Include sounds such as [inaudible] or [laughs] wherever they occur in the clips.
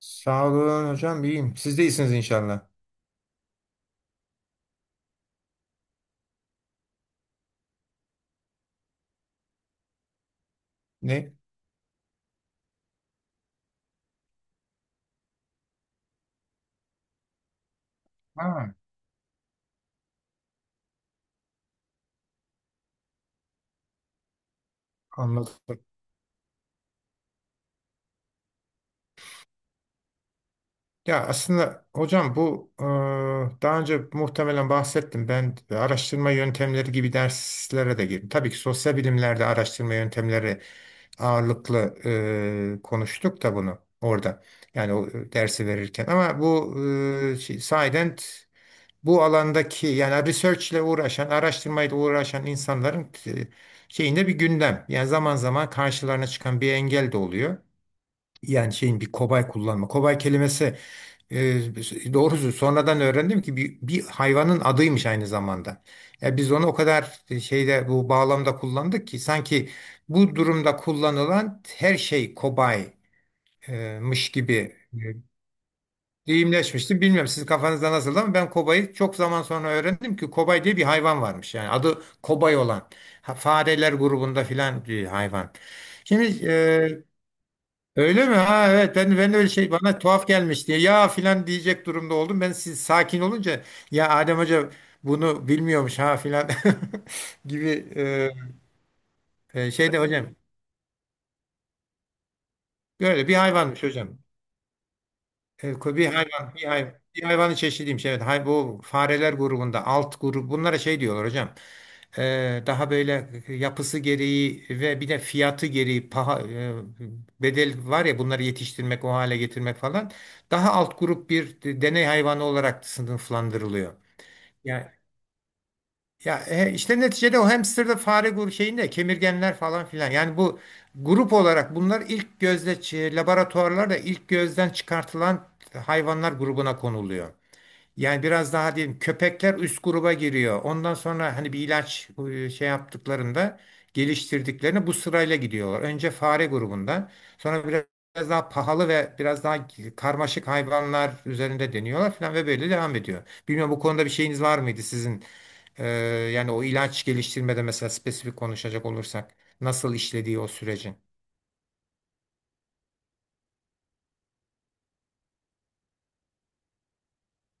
Sağ olun hocam iyiyim. Siz de iyisiniz inşallah. Ne? Ha, anladım. Ya aslında hocam bu daha önce muhtemelen bahsettim. Ben araştırma yöntemleri gibi derslere de girdim. Tabii ki sosyal bilimlerde araştırma yöntemleri ağırlıklı konuştuk da bunu orada. Yani o dersi verirken. Ama bu şey, sahiden bu alandaki yani research ile uğraşan, araştırmayla uğraşan insanların şeyinde bir gündem. Yani zaman zaman karşılarına çıkan bir engel de oluyor. Yani şeyin bir kobay kullanma. Kobay kelimesi e, doğrusu sonradan öğrendim ki bir hayvanın adıymış aynı zamanda. Ya biz onu o kadar şeyde bu bağlamda kullandık ki sanki bu durumda kullanılan her şey kobaymış gibi deyimleşmiştim. Bilmiyorum sizin kafanızda nasıl ama ben kobayı çok zaman sonra öğrendim ki kobay diye bir hayvan varmış. Yani adı kobay olan. Ha, fareler grubunda filan bir hayvan. Şimdi öyle mi? Ha evet ben de öyle şey bana tuhaf gelmiş diye ya filan diyecek durumda oldum. Ben siz sakin olunca ya Adem Hoca bunu bilmiyormuş ha filan [laughs] gibi şeyde hocam. Böyle bir hayvanmış hocam. Bir hayvanın çeşidiymiş. Evet, hay, bu fareler grubunda, alt grup, bunlara şey diyorlar hocam. Daha böyle yapısı gereği ve bir de fiyatı gereği bedel var ya bunları yetiştirmek, o hale getirmek falan. Daha alt grup bir deney hayvanı olarak sınıflandırılıyor. Yani ya işte neticede o hamsterda fare grubu şeyinde kemirgenler falan filan. Yani bu grup olarak bunlar laboratuvarlarda ilk gözden çıkartılan hayvanlar grubuna konuluyor. Yani biraz daha diyelim köpekler üst gruba giriyor. Ondan sonra hani bir ilaç şey yaptıklarında geliştirdiklerini bu sırayla gidiyorlar. Önce fare grubunda, sonra biraz daha pahalı ve biraz daha karmaşık hayvanlar üzerinde deniyorlar falan ve böyle devam ediyor. Bilmiyorum bu konuda bir şeyiniz var mıydı sizin? Ee, Yani o ilaç geliştirmede mesela spesifik konuşacak olursak nasıl işlediği o sürecin?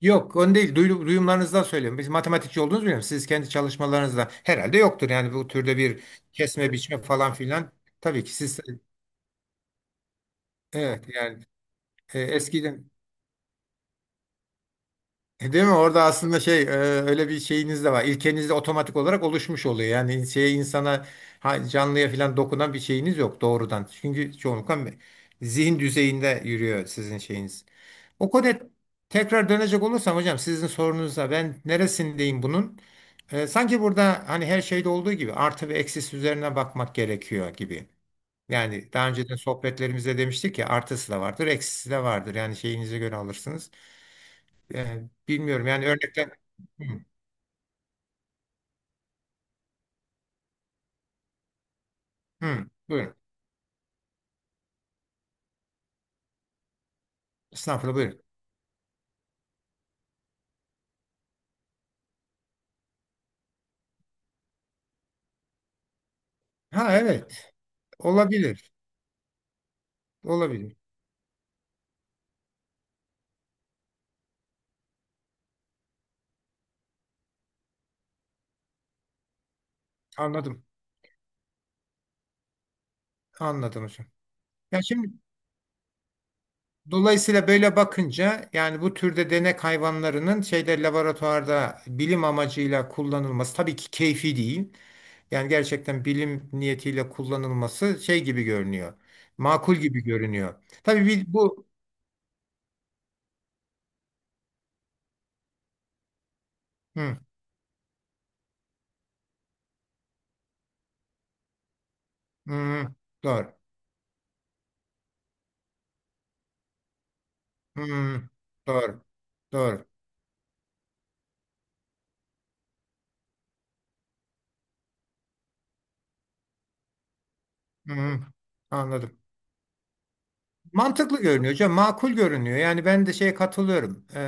Yok, onu değil. Duyumlarınızdan söylüyorum. Biz matematikçi olduğunuzu biliyorum. Siz kendi çalışmalarınızda herhalde yoktur. Yani bu türde bir kesme biçme falan filan. Tabii ki siz evet yani eskiden değil mi? Orada aslında şey öyle bir şeyiniz de var. İlkeniz de otomatik olarak oluşmuş oluyor. Yani şeye insana canlıya filan dokunan bir şeyiniz yok doğrudan. Çünkü çoğunlukla zihin düzeyinde yürüyor sizin şeyiniz. O konuya tekrar dönecek olursam hocam sizin sorunuza ben neresindeyim bunun? Sanki burada hani her şeyde olduğu gibi artı ve eksisi üzerine bakmak gerekiyor gibi. Yani daha önceden sohbetlerimizde demiştik ya artısı da vardır, eksisi de vardır. Yani şeyinize göre alırsınız. Ee, Bilmiyorum yani örnekler. Hı, hı, buyurun. Estağfurullah buyurun. Ha evet olabilir, olabilir. Anladım, anladım hocam. Ya şimdi dolayısıyla böyle bakınca yani bu türde denek hayvanlarının şeyde laboratuvarda bilim amacıyla kullanılması tabii ki keyfi değil. Yani gerçekten bilim niyetiyle kullanılması şey gibi görünüyor. Makul gibi görünüyor. Tabii bir, bu hı, hı, doğru. Hı, doğru. Doğru. Hı, anladım. Mantıklı görünüyor hocam, makul görünüyor. Yani ben de şeye katılıyorum.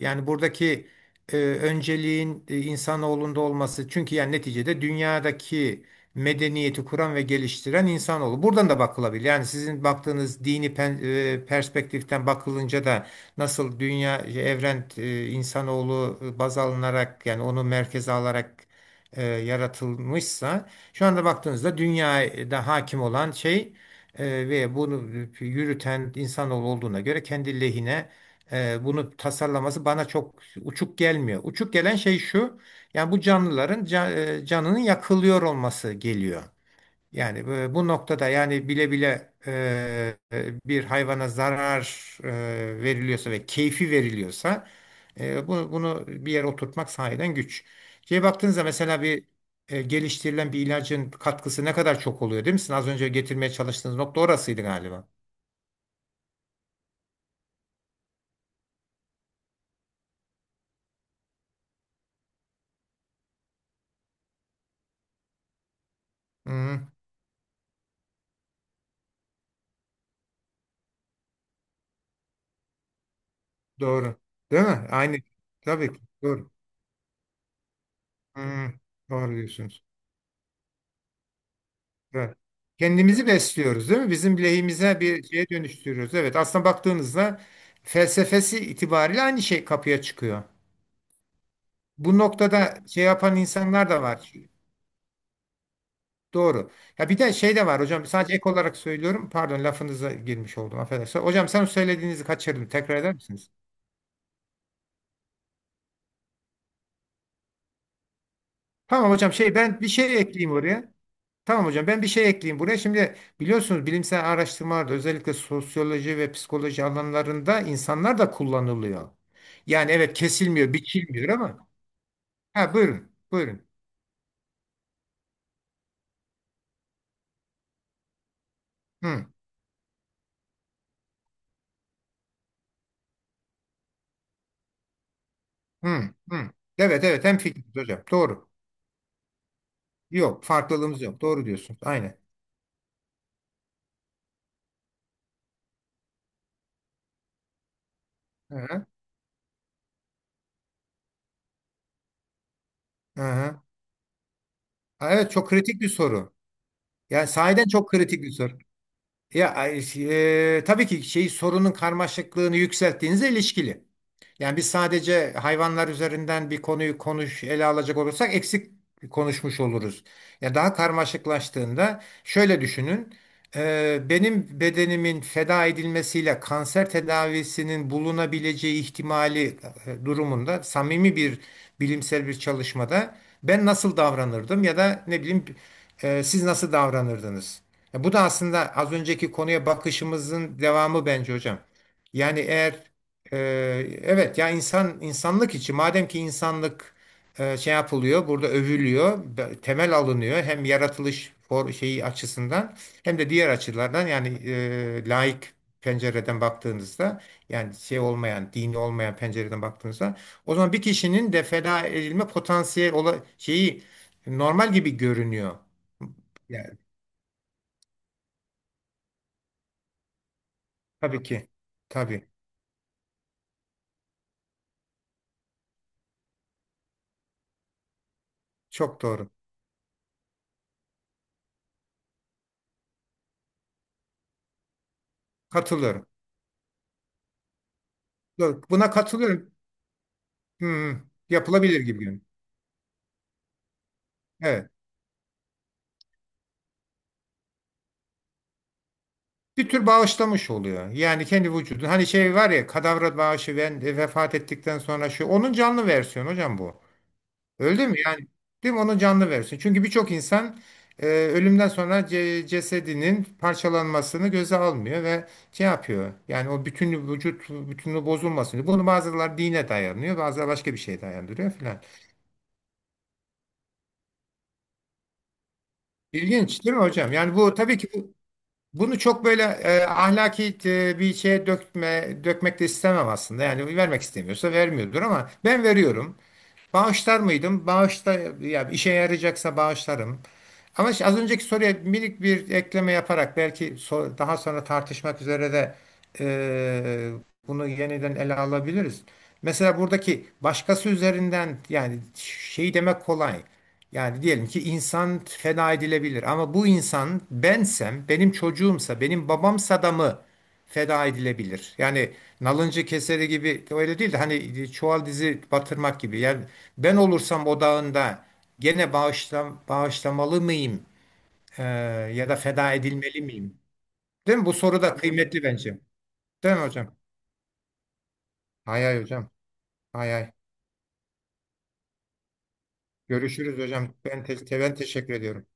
Yani buradaki önceliğin insanoğlunda olması. Çünkü yani neticede dünyadaki medeniyeti kuran ve geliştiren insanoğlu. Buradan da bakılabilir. Yani sizin baktığınız perspektiften bakılınca da nasıl dünya, evren, insanoğlu baz alınarak yani onu merkeze alarak yaratılmışsa şu anda baktığınızda dünyada hakim olan şey ve bunu yürüten insanoğlu olduğuna göre kendi lehine bunu tasarlaması bana çok uçuk gelmiyor. Uçuk gelen şey şu, yani bu canlıların canının yakılıyor olması geliyor. Yani bu noktada yani bile bile bir hayvana zarar veriliyorsa ve keyfi veriliyorsa bunu bir yere oturtmak sahiden güç. Şeye baktığınızda mesela geliştirilen bir ilacın katkısı ne kadar çok oluyor değil mi? Sizin az önce getirmeye çalıştığınız nokta orasıydı galiba. Hı, doğru. Değil mi? Aynı. Tabii ki. Doğru. Hı, doğru diyorsunuz. Evet. Kendimizi besliyoruz değil mi? Bizim lehimize bir şeye dönüştürüyoruz. Evet, aslında baktığınızda felsefesi itibariyle aynı şey kapıya çıkıyor. Bu noktada şey yapan insanlar da var. Doğru. Ya bir de şey de var hocam sadece ek olarak söylüyorum. Pardon lafınıza girmiş oldum affedersiniz. Hocam sen söylediğinizi kaçırdım. Tekrar eder misiniz? Tamam hocam şey ben bir şey ekleyeyim oraya. Tamam hocam ben bir şey ekleyeyim buraya. Şimdi biliyorsunuz bilimsel araştırmalarda özellikle sosyoloji ve psikoloji alanlarında insanlar da kullanılıyor. Yani evet kesilmiyor, biçilmiyor ama. Ha buyurun, buyurun. Hı, hı, hı. Evet evet hemfikiriz hocam. Doğru. Yok farklılığımız yok. Doğru diyorsunuz. Aynen. Hı hı. Hı hı. Ha, evet çok kritik bir soru. Yani sahiden çok kritik bir soru. Ya ay, şey, tabii ki şey sorunun karmaşıklığını yükselttiğinizle ilişkili. Yani biz sadece hayvanlar üzerinden bir konuyu ele alacak olursak eksik konuşmuş oluruz. Ya daha karmaşıklaştığında şöyle düşünün. Benim bedenimin feda edilmesiyle kanser tedavisinin bulunabileceği ihtimali durumunda samimi bir bilimsel bir çalışmada ben nasıl davranırdım ya da ne bileyim siz nasıl davranırdınız? Ya bu da aslında az önceki konuya bakışımızın devamı bence hocam. Yani eğer evet ya insanlık için madem ki insanlık şey yapılıyor burada övülüyor temel alınıyor hem yaratılış for şeyi açısından hem de diğer açılardan yani laik pencereden baktığınızda yani şey olmayan dini olmayan pencereden baktığınızda o zaman bir kişinin de feda edilme potansiyel şeyi normal gibi görünüyor. Yani tabii ki tabii çok doğru katılıyorum. Doğru. Buna katılıyorum. Hmm, Yapılabilir gibi görünüyor. Evet. Bir tür bağışlamış oluyor. Yani kendi vücudunu. Hani şey var ya kadavra bağışı ben de vefat ettikten sonra şu. Onun canlı versiyonu hocam bu. Öldü mü? Yani değil mi? Onun canlı versiyonu. Çünkü birçok insan ölümden sonra cesedinin parçalanmasını göze almıyor ve şey yapıyor. Yani o bütün vücut bütünlüğü bozulmasın. Bunu bazıları dine dayanıyor. Bazıları başka bir şeye dayandırıyor filan. İlginç değil mi hocam? Yani bu tabii ki bunu çok böyle ahlaki bir şeye dökmek de istemem aslında. Yani vermek istemiyorsa vermiyordur ama ben veriyorum. Bağışlar mıydım? Ya işe yarayacaksa bağışlarım. Ama işte az önceki soruya minik bir ekleme yaparak belki daha sonra tartışmak üzere de e, bunu yeniden ele alabiliriz. Mesela buradaki başkası üzerinden yani şeyi demek kolay. Yani diyelim ki insan feda edilebilir ama bu insan bensem, benim çocuğumsa, benim babamsa da mı? Feda edilebilir. Yani nalıncı keseri gibi öyle değil de hani çuval dizi batırmak gibi. Yani ben olursam odağında gene bağışlamalı mıyım? Ee, Ya da feda edilmeli miyim? Değil mi? Bu soru da kıymetli bence. Değil mi hocam? Hay hay hocam. Hay hay. Görüşürüz hocam. Ben teşekkür ediyorum.